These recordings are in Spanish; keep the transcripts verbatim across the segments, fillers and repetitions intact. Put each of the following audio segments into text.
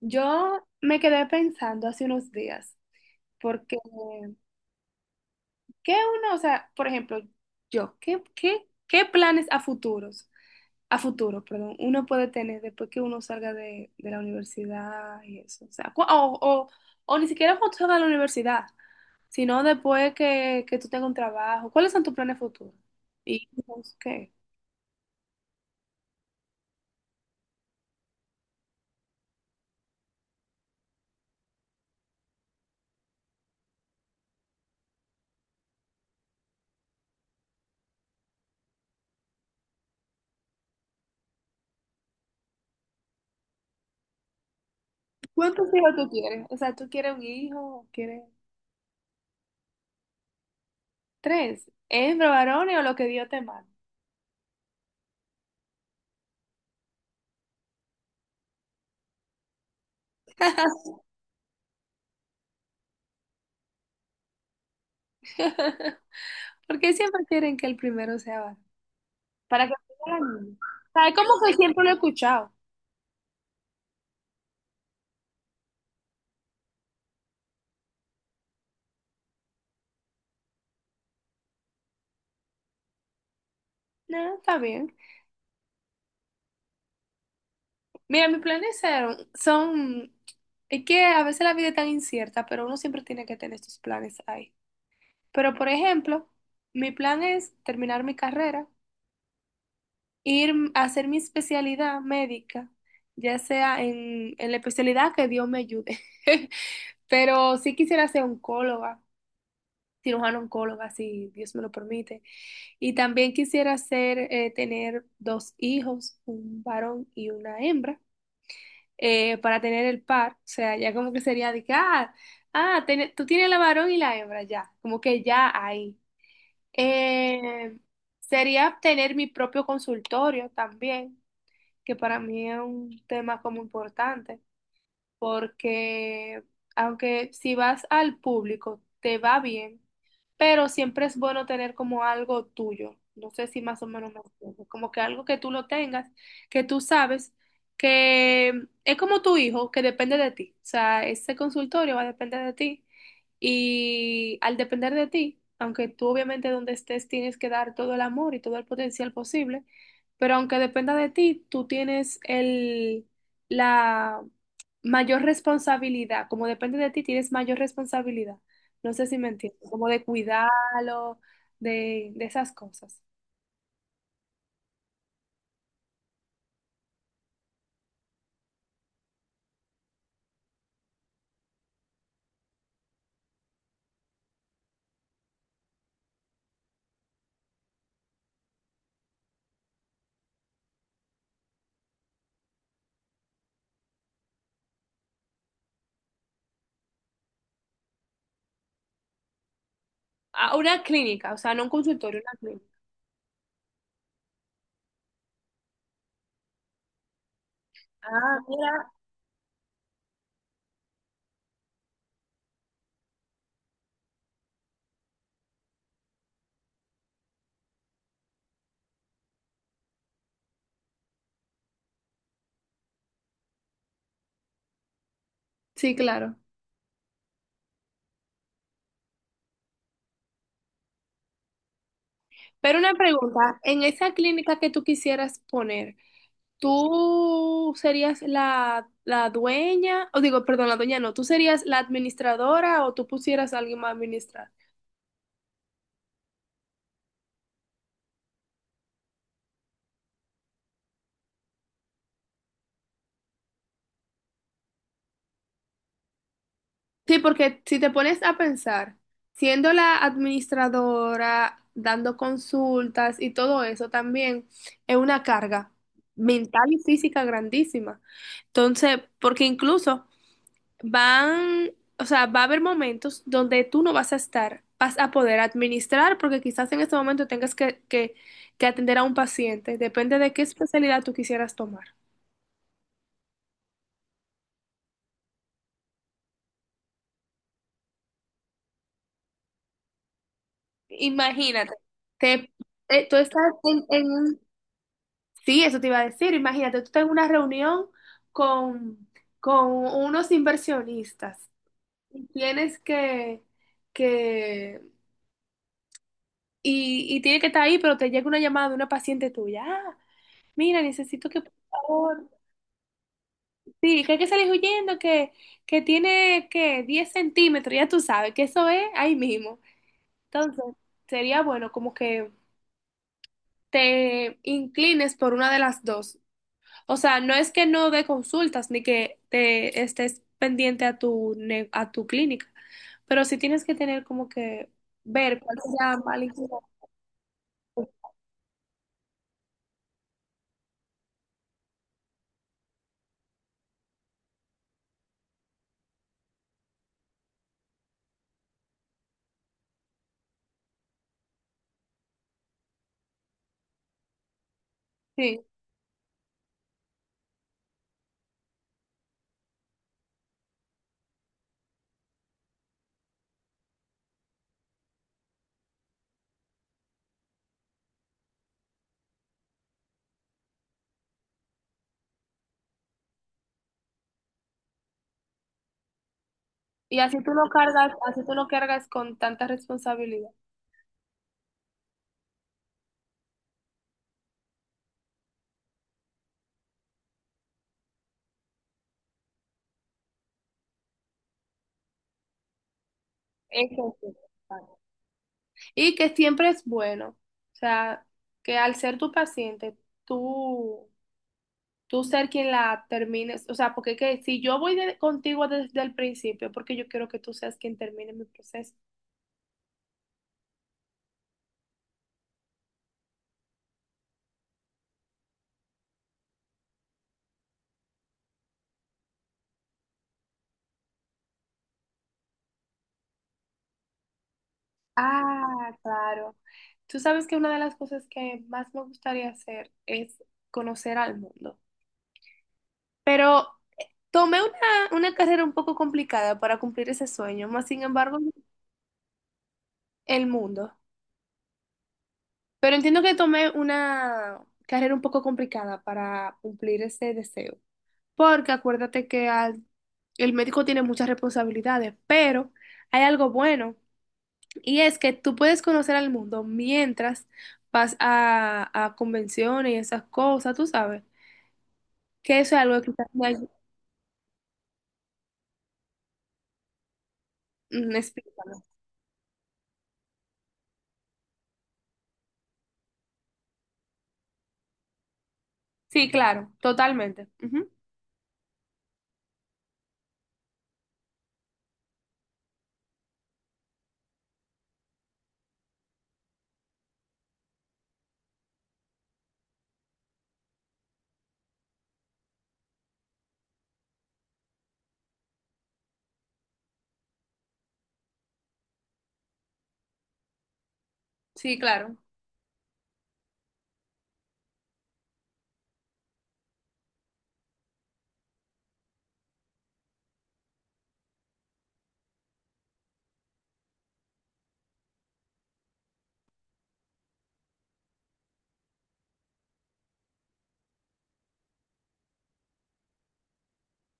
Yo me quedé pensando hace unos días, porque ¿qué uno, o sea, por ejemplo, yo, ¿qué, qué, qué planes a futuros, a futuro, perdón, uno puede tener después que uno salga de, de la universidad y eso? O sea, cu- o, o, o ni siquiera cuando salga de la universidad, sino después que, que tú tengas un trabajo. ¿Cuáles son tus planes futuros? ¿Hijos? ¿Qué? ¿Cuántos hijos tú quieres? O sea, ¿tú quieres un hijo? ¿Quieres tres? ¿Hembra, varones o lo que Dios te mande? Porque siempre quieren que el primero sea varón. Para que sea la niña. ¿Sabes cómo que siempre lo he escuchado? No, está bien. Mira, mis planes son, son... Es que a veces la vida es tan incierta, pero uno siempre tiene que tener sus planes ahí. Pero, por ejemplo, mi plan es terminar mi carrera, ir a hacer mi especialidad médica, ya sea en, en la especialidad que Dios me ayude. Pero sí quisiera ser oncóloga, cirujano oncóloga, si Dios me lo permite. Y también quisiera hacer, eh, tener dos hijos, un varón y una hembra, eh, para tener el par. O sea, ya como que sería de que, ah, ah, ten- tú tienes la varón y la hembra ya, como que ya ahí. Eh, sería tener mi propio consultorio también, que para mí es un tema como importante porque aunque si vas al público te va bien, pero siempre es bueno tener como algo tuyo. No sé si más o menos me entiendes, como que algo que tú lo tengas, que tú sabes que es como tu hijo, que depende de ti. O sea, ese consultorio va a depender de ti y al depender de ti, aunque tú obviamente donde estés tienes que dar todo el amor y todo el potencial posible, pero aunque dependa de ti, tú tienes el la mayor responsabilidad, como depende de ti, tienes mayor responsabilidad. No sé si me entiendes, como de cuidarlo, de, de esas cosas. A una clínica, o sea, no un consultorio, una clínica. Ah, mira. Sí, claro. Pero una pregunta, en esa clínica que tú quisieras poner, ¿tú serías la, la dueña? O digo, perdón, la dueña no, ¿tú serías la administradora o tú pusieras a alguien más a administrar? Sí, porque si te pones a pensar, siendo la administradora, dando consultas y todo eso también es una carga mental y física grandísima. Entonces, porque incluso van, o sea, va a haber momentos donde tú no vas a estar, vas a poder administrar porque quizás en este momento tengas que, que, que atender a un paciente, depende de qué especialidad tú quisieras tomar. Imagínate, te, eh, tú estás en, en un... Sí, eso te iba a decir. Imagínate, tú estás en una reunión con, con unos inversionistas y tienes que, que y, y tiene que estar ahí, pero te llega una llamada de una paciente tuya. Ah, mira, necesito que, por favor, sí, que hay que salir huyendo, que, que tiene que diez centímetros, ya tú sabes que eso es ahí mismo. Entonces, sería bueno como que te inclines por una de las dos. O sea, no es que no dé consultas ni que te estés pendiente a tu, ne- a tu clínica, pero sí tienes que tener como que ver cuál sea mal... Sí, y así tú lo cargas, así tú lo cargas con tanta responsabilidad. Eso sí. Vale. Y que siempre es bueno, o sea, que al ser tu paciente, tú, tú ser quien la termines, o sea, porque que si yo voy de- contigo desde el principio, porque yo quiero que tú seas quien termine mi proceso. Ah, claro. Tú sabes que una de las cosas que más me gustaría hacer es conocer al mundo. Pero eh, tomé una, una carrera un poco complicada para cumplir ese sueño, más sin embargo, el mundo. Pero entiendo que tomé una carrera un poco complicada para cumplir ese deseo. Porque acuérdate que al- el médico tiene muchas responsabilidades, pero hay algo bueno. Y es que tú puedes conocer al mundo mientras vas a, a convenciones y esas cosas, tú sabes, que eso es algo que quizás me ay- mm, explícame. Sí, claro, totalmente. Ujú. Sí, claro.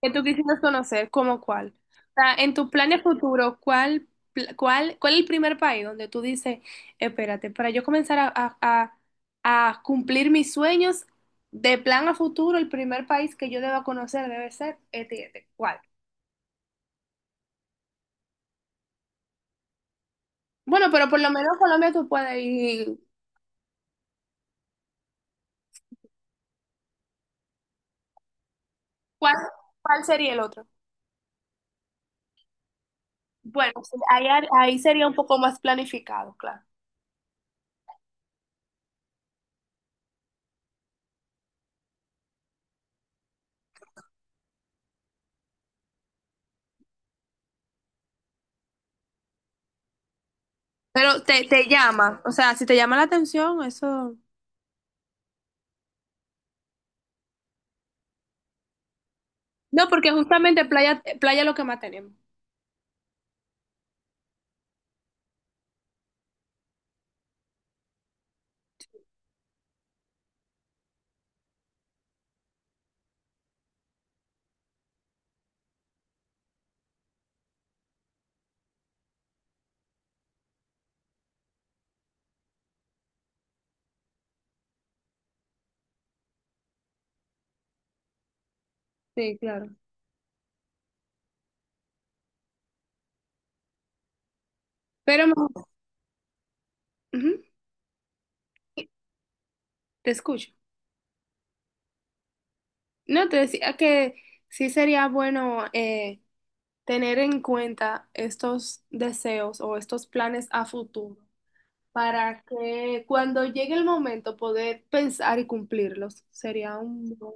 Que tú quisieras conocer, ¿cómo cuál? O sea, en tus planes futuros, ¿cuál, pl- cuál, cuál es el primer país donde tú dices, espérate, para yo comenzar a, a, a, a cumplir mis sueños de plan a futuro, el primer país que yo deba conocer debe ser este, ¿y este? ¿Cuál? Bueno, pero por lo menos Colombia tú puedes ir. ¿Cuál, cuál sería el otro? Bueno, sí, ahí, ahí sería un poco más planificado, claro. Pero te, te llama, o sea, si te llama la atención, eso... No, porque justamente playa, playa es lo que más tenemos. Sí, claro. Pero me- ujú, te escucho. No, te decía que sí sería bueno, eh, tener en cuenta estos deseos o estos planes a futuro, para que cuando llegue el momento poder pensar y cumplirlos. Sería un buen